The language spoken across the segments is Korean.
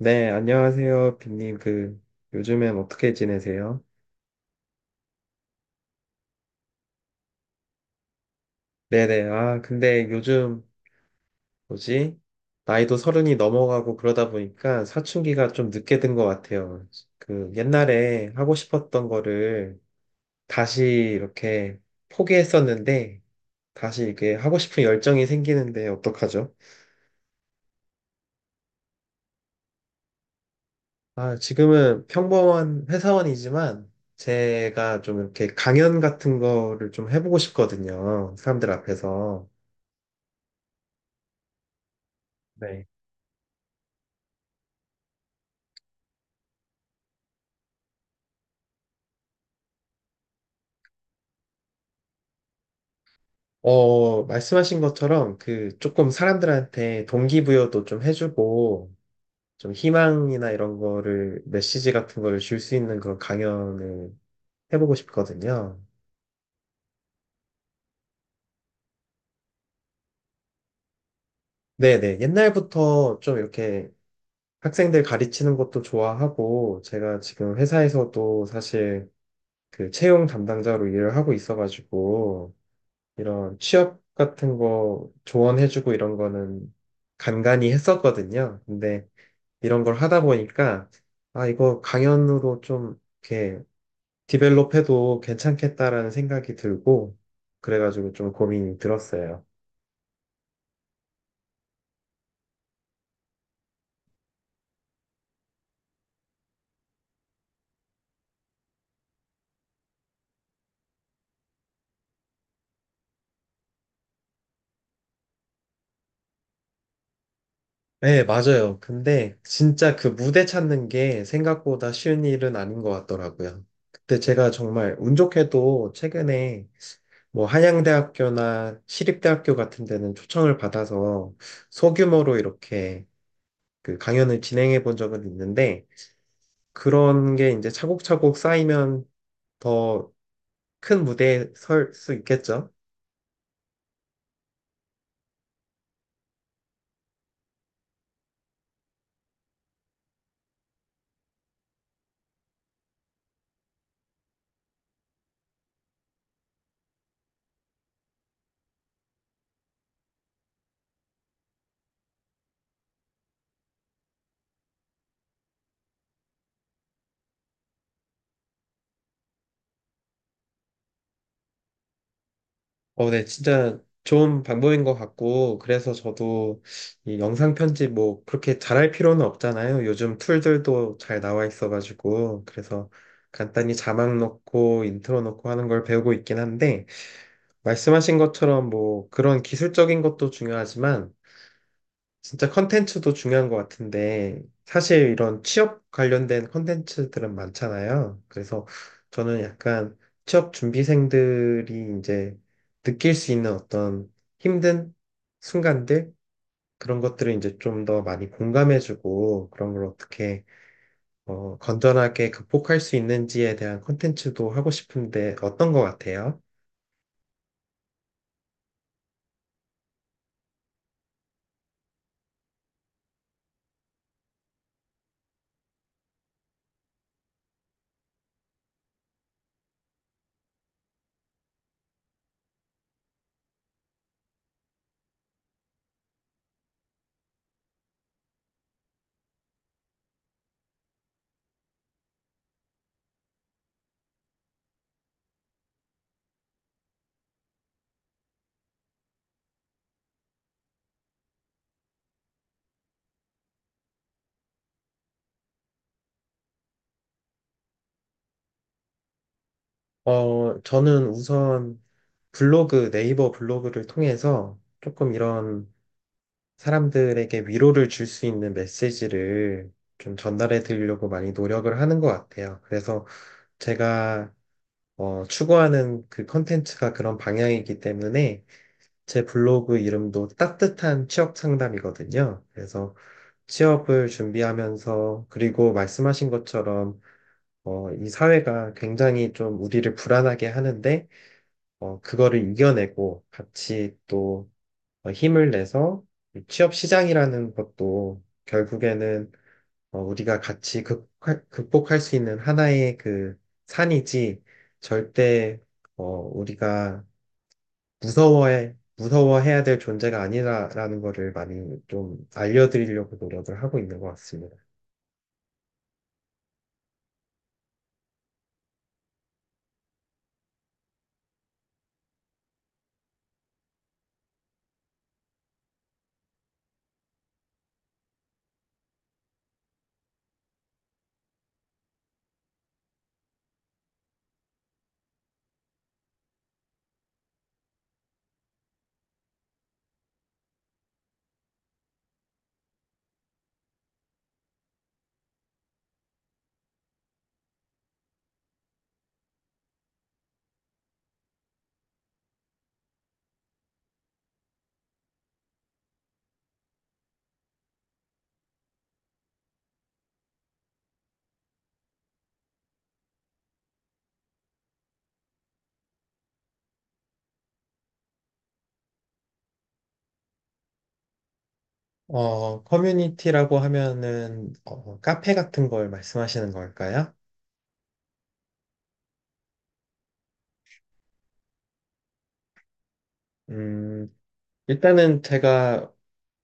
네, 안녕하세요, 빈님. 요즘엔 어떻게 지내세요? 네네. 아, 근데 요즘, 뭐지? 나이도 서른이 넘어가고 그러다 보니까 사춘기가 좀 늦게 든 것 같아요. 옛날에 하고 싶었던 거를 다시 이렇게 포기했었는데, 다시 이렇게 하고 싶은 열정이 생기는데 어떡하죠? 아, 지금은 평범한 회사원이지만, 제가 좀 이렇게 강연 같은 거를 좀 해보고 싶거든요. 사람들 앞에서. 네. 말씀하신 것처럼 조금 사람들한테 동기부여도 좀 해주고 좀 희망이나 이런 거를 메시지 같은 거를 줄 수 있는 그런 강연을 해보고 싶거든요. 네네. 옛날부터 좀 이렇게 학생들 가르치는 것도 좋아하고 제가 지금 회사에서도 사실 채용 담당자로 일을 하고 있어가지고 이런 취업 같은 거 조언해주고 이런 거는 간간히 했었거든요. 근데 이런 걸 하다 보니까, 아, 이거 강연으로 좀 이렇게 디벨롭해도 괜찮겠다라는 생각이 들고, 그래가지고 좀 고민이 들었어요. 네, 맞아요. 근데 진짜 그 무대 찾는 게 생각보다 쉬운 일은 아닌 것 같더라고요. 그때 제가 정말 운 좋게도 최근에 뭐 한양대학교나 시립대학교 같은 데는 초청을 받아서 소규모로 이렇게 그 강연을 진행해 본 적은 있는데 그런 게 이제 차곡차곡 쌓이면 더 큰 무대에 설 수 있겠죠? 네, 진짜 좋은 방법인 것 같고, 그래서 저도 이 영상 편집 뭐 그렇게 잘할 필요는 없잖아요. 요즘 툴들도 잘 나와 있어가지고, 그래서 간단히 자막 넣고 인트로 넣고 하는 걸 배우고 있긴 한데, 말씀하신 것처럼 뭐 그런 기술적인 것도 중요하지만, 진짜 컨텐츠도 중요한 것 같은데, 사실 이런 취업 관련된 컨텐츠들은 많잖아요. 그래서 저는 약간 취업 준비생들이 이제 느낄 수 있는 어떤 힘든 순간들, 그런 것들을 이제 좀 더 많이 공감해주고, 그런 걸 어떻게, 건전하게 극복할 수 있는지에 대한 컨텐츠도 하고 싶은데, 어떤 것 같아요? 저는 우선 블로그, 네이버 블로그를 통해서 조금 이런 사람들에게 위로를 줄 수 있는 메시지를 좀 전달해 드리려고 많이 노력을 하는 것 같아요. 그래서 제가 추구하는 그 컨텐츠가 그런 방향이기 때문에 제 블로그 이름도 따뜻한 취업 상담이거든요. 그래서 취업을 준비하면서 그리고 말씀하신 것처럼 이 사회가 굉장히 좀 우리를 불안하게 하는데 그거를 이겨내고 같이 또 힘을 내서 취업 시장이라는 것도 결국에는 우리가 같이 극복할 수 있는 하나의 그 산이지, 절대 우리가 무서워해야 될 존재가 아니라라는 거를 많이 좀 알려드리려고 노력을 하고 있는 것 같습니다. 커뮤니티라고 하면은 카페 같은 걸 말씀하시는 걸까요? 음, 일단은 제가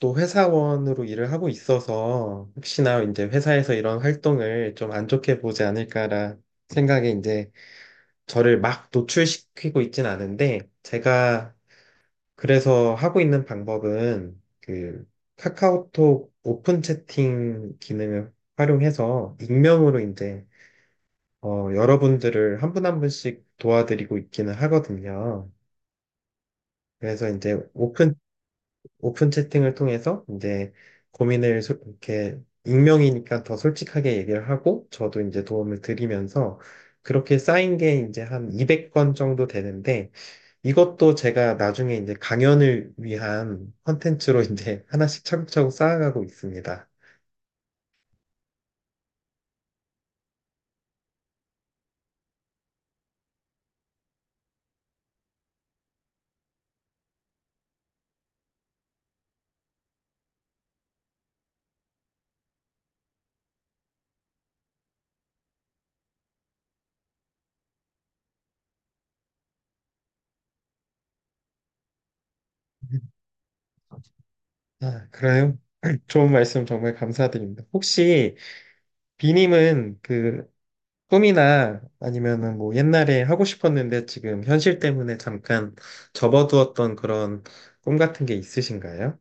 또 회사원으로 일을 하고 있어서 혹시나 이제 회사에서 이런 활동을 좀 안 좋게 보지 않을까라 생각에 이제 저를 막 노출시키고 있진 않은데, 제가 그래서 하고 있는 방법은 그 카카오톡 오픈 채팅 기능을 활용해서 익명으로 이제 여러분들을 한 분 한 분씩 도와드리고 있기는 하거든요. 그래서 이제 오픈 채팅을 통해서 이제 고민을 이렇게 익명이니까 더 솔직하게 얘기를 하고 저도 이제 도움을 드리면서, 그렇게 쌓인 게 이제 한 200건 정도 되는데 이것도 제가 나중에 이제 강연을 위한 컨텐츠로 이제 하나씩 차곡차곡 쌓아가고 있습니다. 아, 그래요? 좋은 말씀 정말 감사드립니다. 혹시 비님은 그 꿈이나 아니면은 뭐 옛날에 하고 싶었는데 지금 현실 때문에 잠깐 접어두었던 그런 꿈 같은 게 있으신가요?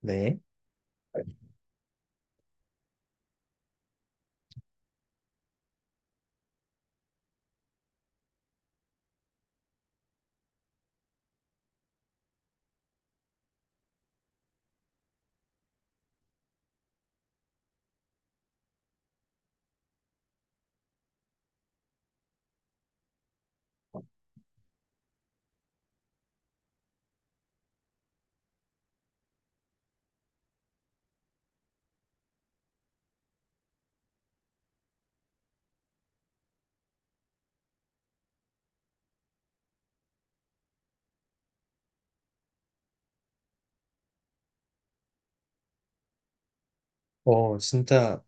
네. 진짜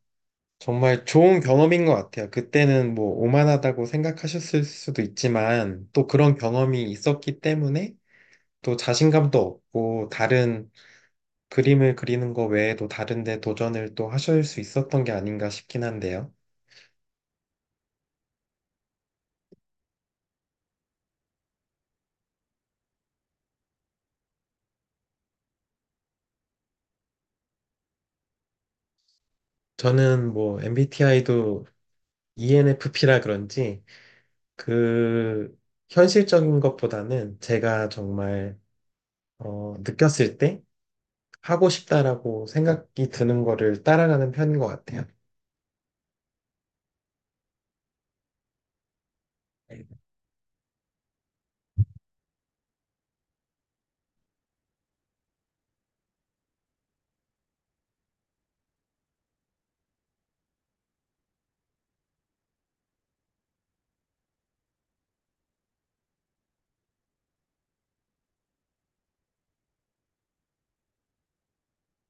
정말 좋은 경험인 것 같아요. 그때는 뭐 오만하다고 생각하셨을 수도 있지만 또 그런 경험이 있었기 때문에 또 자신감도 얻고, 다른 그림을 그리는 거 외에도 다른 데 도전을 또 하실 수 있었던 게 아닌가 싶긴 한데요. 저는 뭐 MBTI도 ENFP라 그런지 그 현실적인 것보다는 제가 정말 느꼈을 때 하고 싶다라고 생각이 드는 거를 따라가는 편인 것 같아요.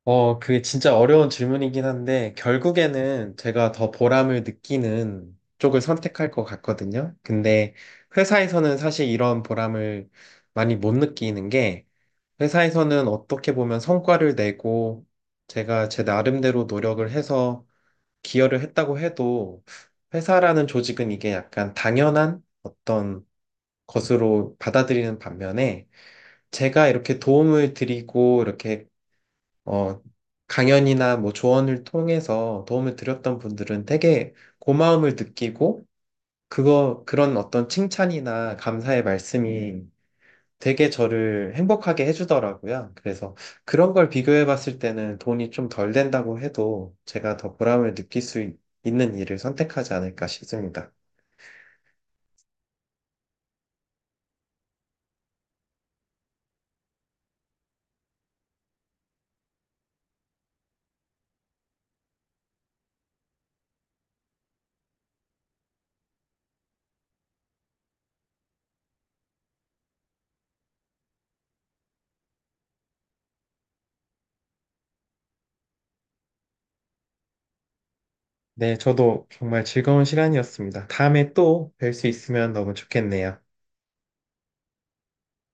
그게 진짜 어려운 질문이긴 한데, 결국에는 제가 더 보람을 느끼는 쪽을 선택할 것 같거든요. 근데 회사에서는 사실 이런 보람을 많이 못 느끼는 게, 회사에서는 어떻게 보면 성과를 내고 제가 제 나름대로 노력을 해서 기여를 했다고 해도 회사라는 조직은 이게 약간 당연한 어떤 것으로 받아들이는 반면에, 제가 이렇게 도움을 드리고 이렇게 어 강연이나 뭐 조언을 통해서 도움을 드렸던 분들은 되게 고마움을 느끼고, 그거 그런 어떤 칭찬이나 감사의 말씀이 되게 저를 행복하게 해주더라고요. 그래서 그런 걸 비교해 봤을 때는 돈이 좀 덜 된다고 해도 제가 더 보람을 느낄 수 있는 일을 선택하지 않을까 싶습니다. 네, 저도 정말 즐거운 시간이었습니다. 다음에 또 뵐 수 있으면 너무 좋겠네요.